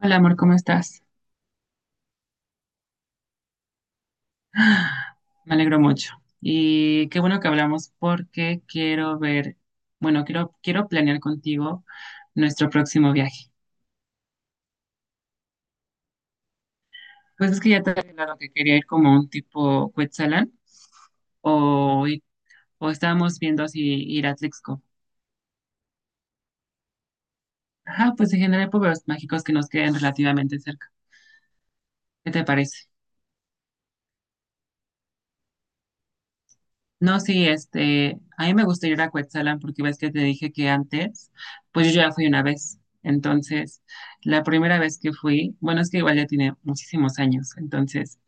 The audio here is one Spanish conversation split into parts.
Hola amor, ¿cómo estás? Me alegro mucho. Y qué bueno que hablamos porque quiero ver, bueno, quiero planear contigo nuestro próximo viaje. Pues es que ya te había hablado que quería ir como un tipo Cuetzalan o, i- o estábamos viendo si ir a Trixco. Ajá, pues en general pueblos mágicos que nos queden relativamente cerca. ¿Qué te parece? No, sí, este, a mí me gusta ir a Cuetzalan porque ves que te dije que antes, pues yo ya fui una vez. Entonces, la primera vez que fui, bueno, es que igual ya tiene muchísimos años, entonces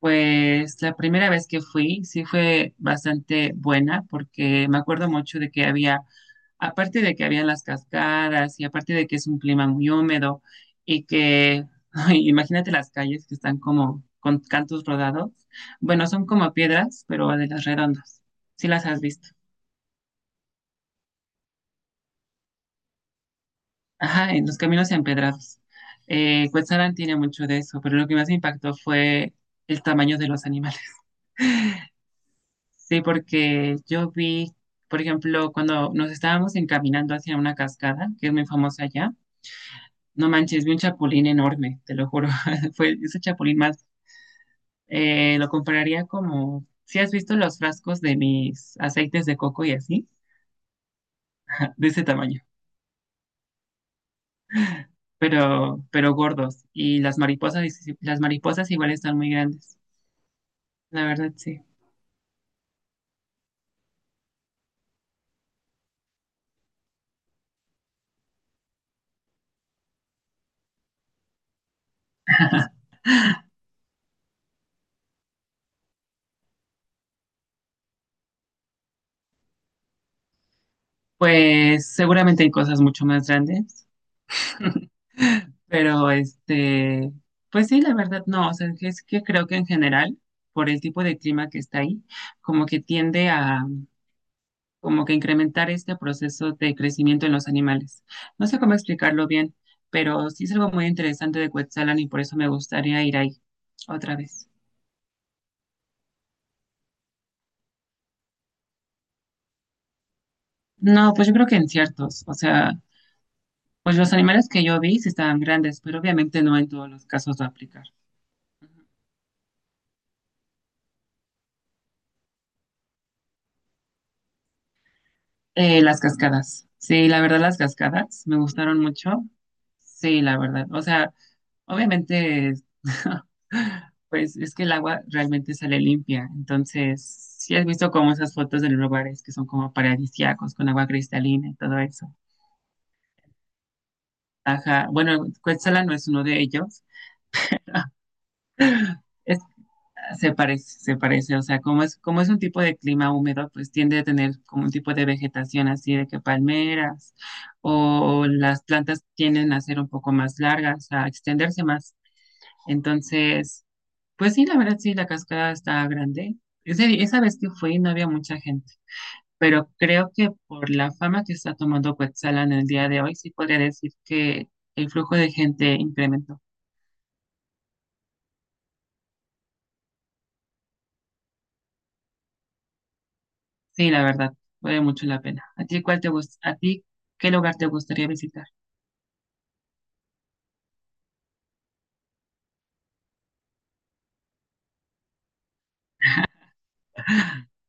pues la primera vez que fui, sí fue bastante buena porque me acuerdo mucho de que había, aparte de que habían las cascadas y aparte de que es un clima muy húmedo y que, ay, imagínate las calles que están como con cantos rodados. Bueno, son como piedras, pero de las redondas. Sí las has visto. Ajá, en los caminos empedrados. Cuetzalan tiene mucho de eso, pero lo que más me impactó fue el tamaño de los animales. Sí, porque yo vi, por ejemplo, cuando nos estábamos encaminando hacia una cascada, que es muy famosa allá, no manches, vi un chapulín enorme, te lo juro. Fue ese chapulín más, lo compararía como, si has visto los frascos de mis aceites de coco y así, ah, de ese tamaño, pero gordos. Y las mariposas, si, las mariposas igual están muy grandes, la verdad, sí. Pues seguramente hay cosas mucho más grandes. Pero este, pues sí, la verdad, no, o sea, que es que creo que en general, por el tipo de clima que está ahí, como que tiende a, como que incrementar este proceso de crecimiento en los animales. No sé cómo explicarlo bien, pero sí es algo muy interesante de Cuetzalan y por eso me gustaría ir ahí otra vez. No, pues yo creo que en ciertos, o sea, pues los animales que yo vi sí estaban grandes, pero obviamente no en todos los casos va a aplicar. Las cascadas. Sí, la verdad, las cascadas me gustaron mucho. Sí, la verdad. O sea, obviamente, pues es que el agua realmente sale limpia. Entonces, si has visto como esas fotos de los lugares que son como paradisíacos con agua cristalina y todo eso. Ajá. Bueno, Cuetzala no es uno de ellos. Es se parece, se parece, o sea, como es un tipo de clima húmedo, pues tiende a tener como un tipo de vegetación así de que palmeras o las plantas tienden a ser un poco más largas, a extenderse más. Entonces, pues sí, la verdad sí, la cascada está grande. Esa vez que fui no había mucha gente, pero creo que por la fama que está tomando Cuetzalan en el día de hoy, sí podría decir que el flujo de gente incrementó. Sí, la verdad, vale mucho la pena. ¿A ti cuál te gusta? ¿A ti qué lugar te gustaría visitar?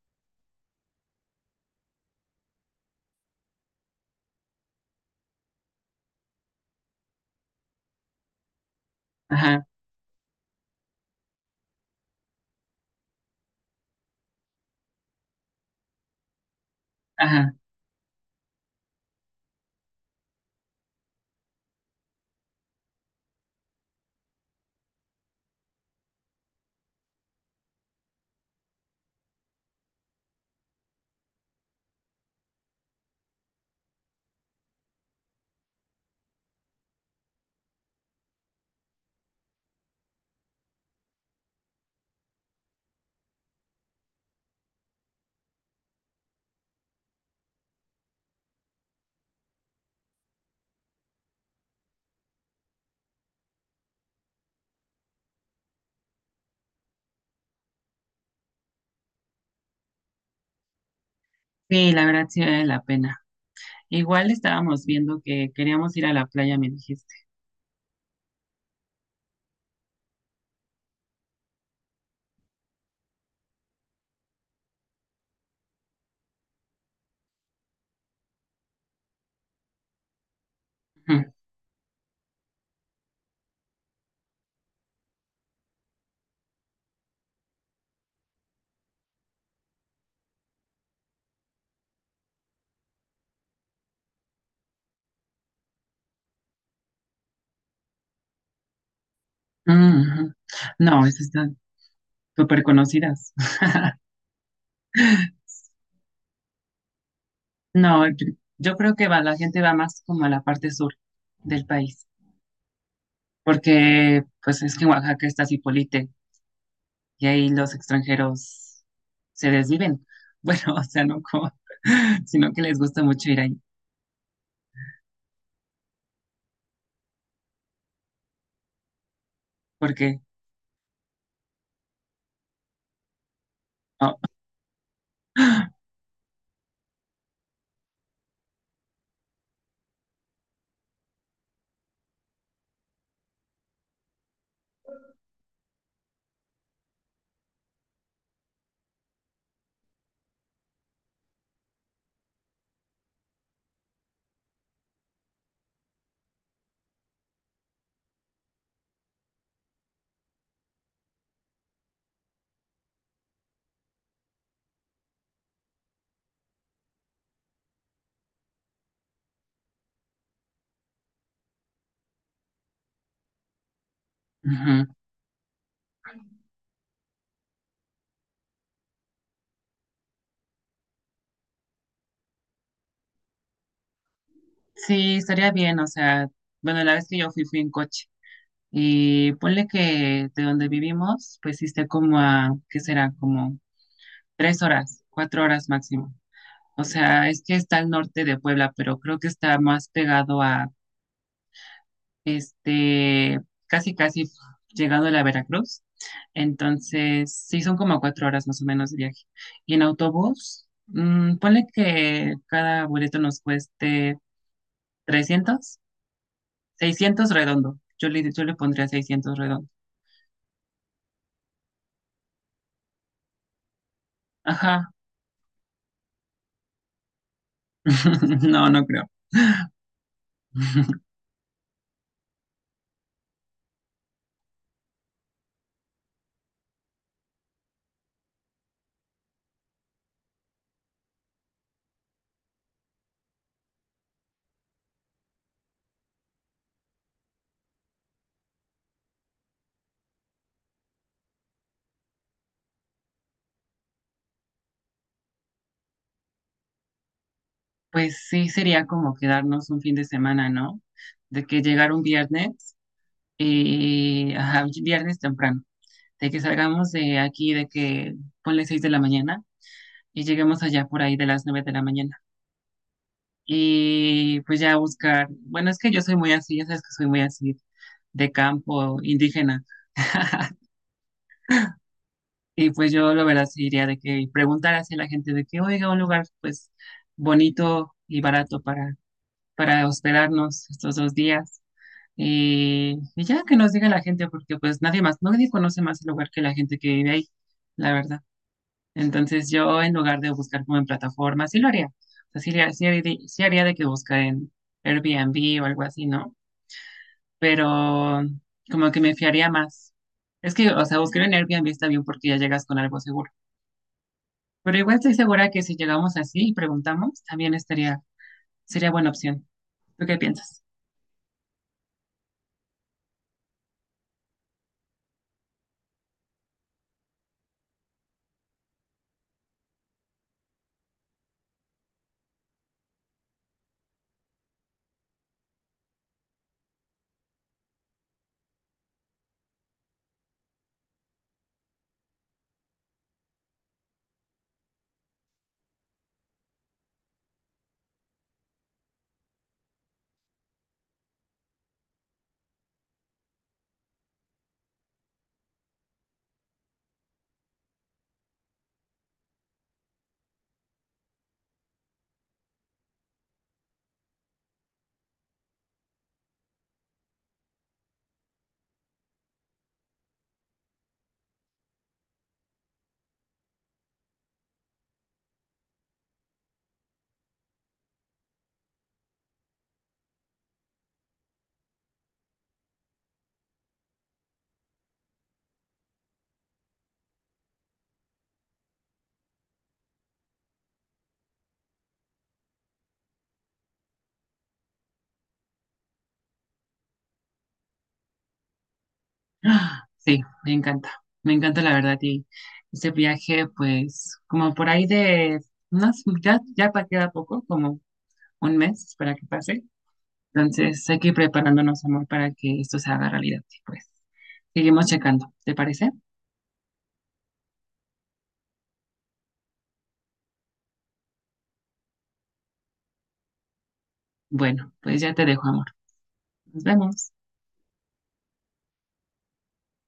Ajá, ajá. Sí, la verdad sí vale la pena. Igual estábamos viendo que queríamos ir a la playa, me dijiste. Ujú, ujú. No, esas están súper conocidas. No, yo creo que va, la gente va más como a la parte sur del país, porque pues es que en Oaxaca está Zipolite y ahí los extranjeros se desviven. Bueno, o sea, no como, sino que les gusta mucho ir ahí. Porque, oh, ujú. Sí, estaría bien, o sea, bueno, la vez que yo fui, fui en coche. Y ponle que de donde vivimos, pues sí está como a, ¿qué será? Como 3 horas, 4 horas máximo. O sea, es que está al norte de Puebla, pero creo que está más pegado a, este, casi, casi llegando a la Veracruz. Entonces, sí, son como 4 horas más o menos de viaje. Y en autobús, ponle que cada boleto nos cueste 300, 600 redondo. Yo le pondría 600 redondo. Ajá. No, no creo. Pues sí, sería como quedarnos un fin de semana, ¿no? De que llegar un viernes, y ajá, un viernes temprano, de que salgamos de aquí, de que ponle 6 de la mañana y lleguemos allá por ahí de las 9 de la mañana. Y pues ya buscar, bueno, es que yo soy muy así, ya sabes que soy muy así, de campo indígena. Y pues yo la verdad sí diría de que preguntar hacia la gente de que oiga un lugar pues bonito y barato para hospedarnos estos 2 días. Y ya que nos diga la gente, porque pues nadie más, nadie conoce más el lugar que la gente que vive ahí, la verdad. Entonces yo en lugar de buscar como en plataformas, sí lo haría. O sea, sí, sí haría de que buscar en Airbnb o algo así, ¿no? Pero como que me fiaría más. Es que, o sea, buscar en Airbnb está bien porque ya llegas con algo seguro. Pero igual estoy segura que si llegamos así y preguntamos, también estaría, sería buena opción. ¿Tú qué piensas? Ah, sí, me encanta. Me encanta la verdad. Y ese viaje, pues, como por ahí de unas, ya, queda poco, como un mes para que pase. Entonces hay que ir preparándonos, amor, para que esto se haga realidad. Y pues, seguimos checando. ¿Te parece? Bueno, pues ya te dejo, amor. Nos vemos.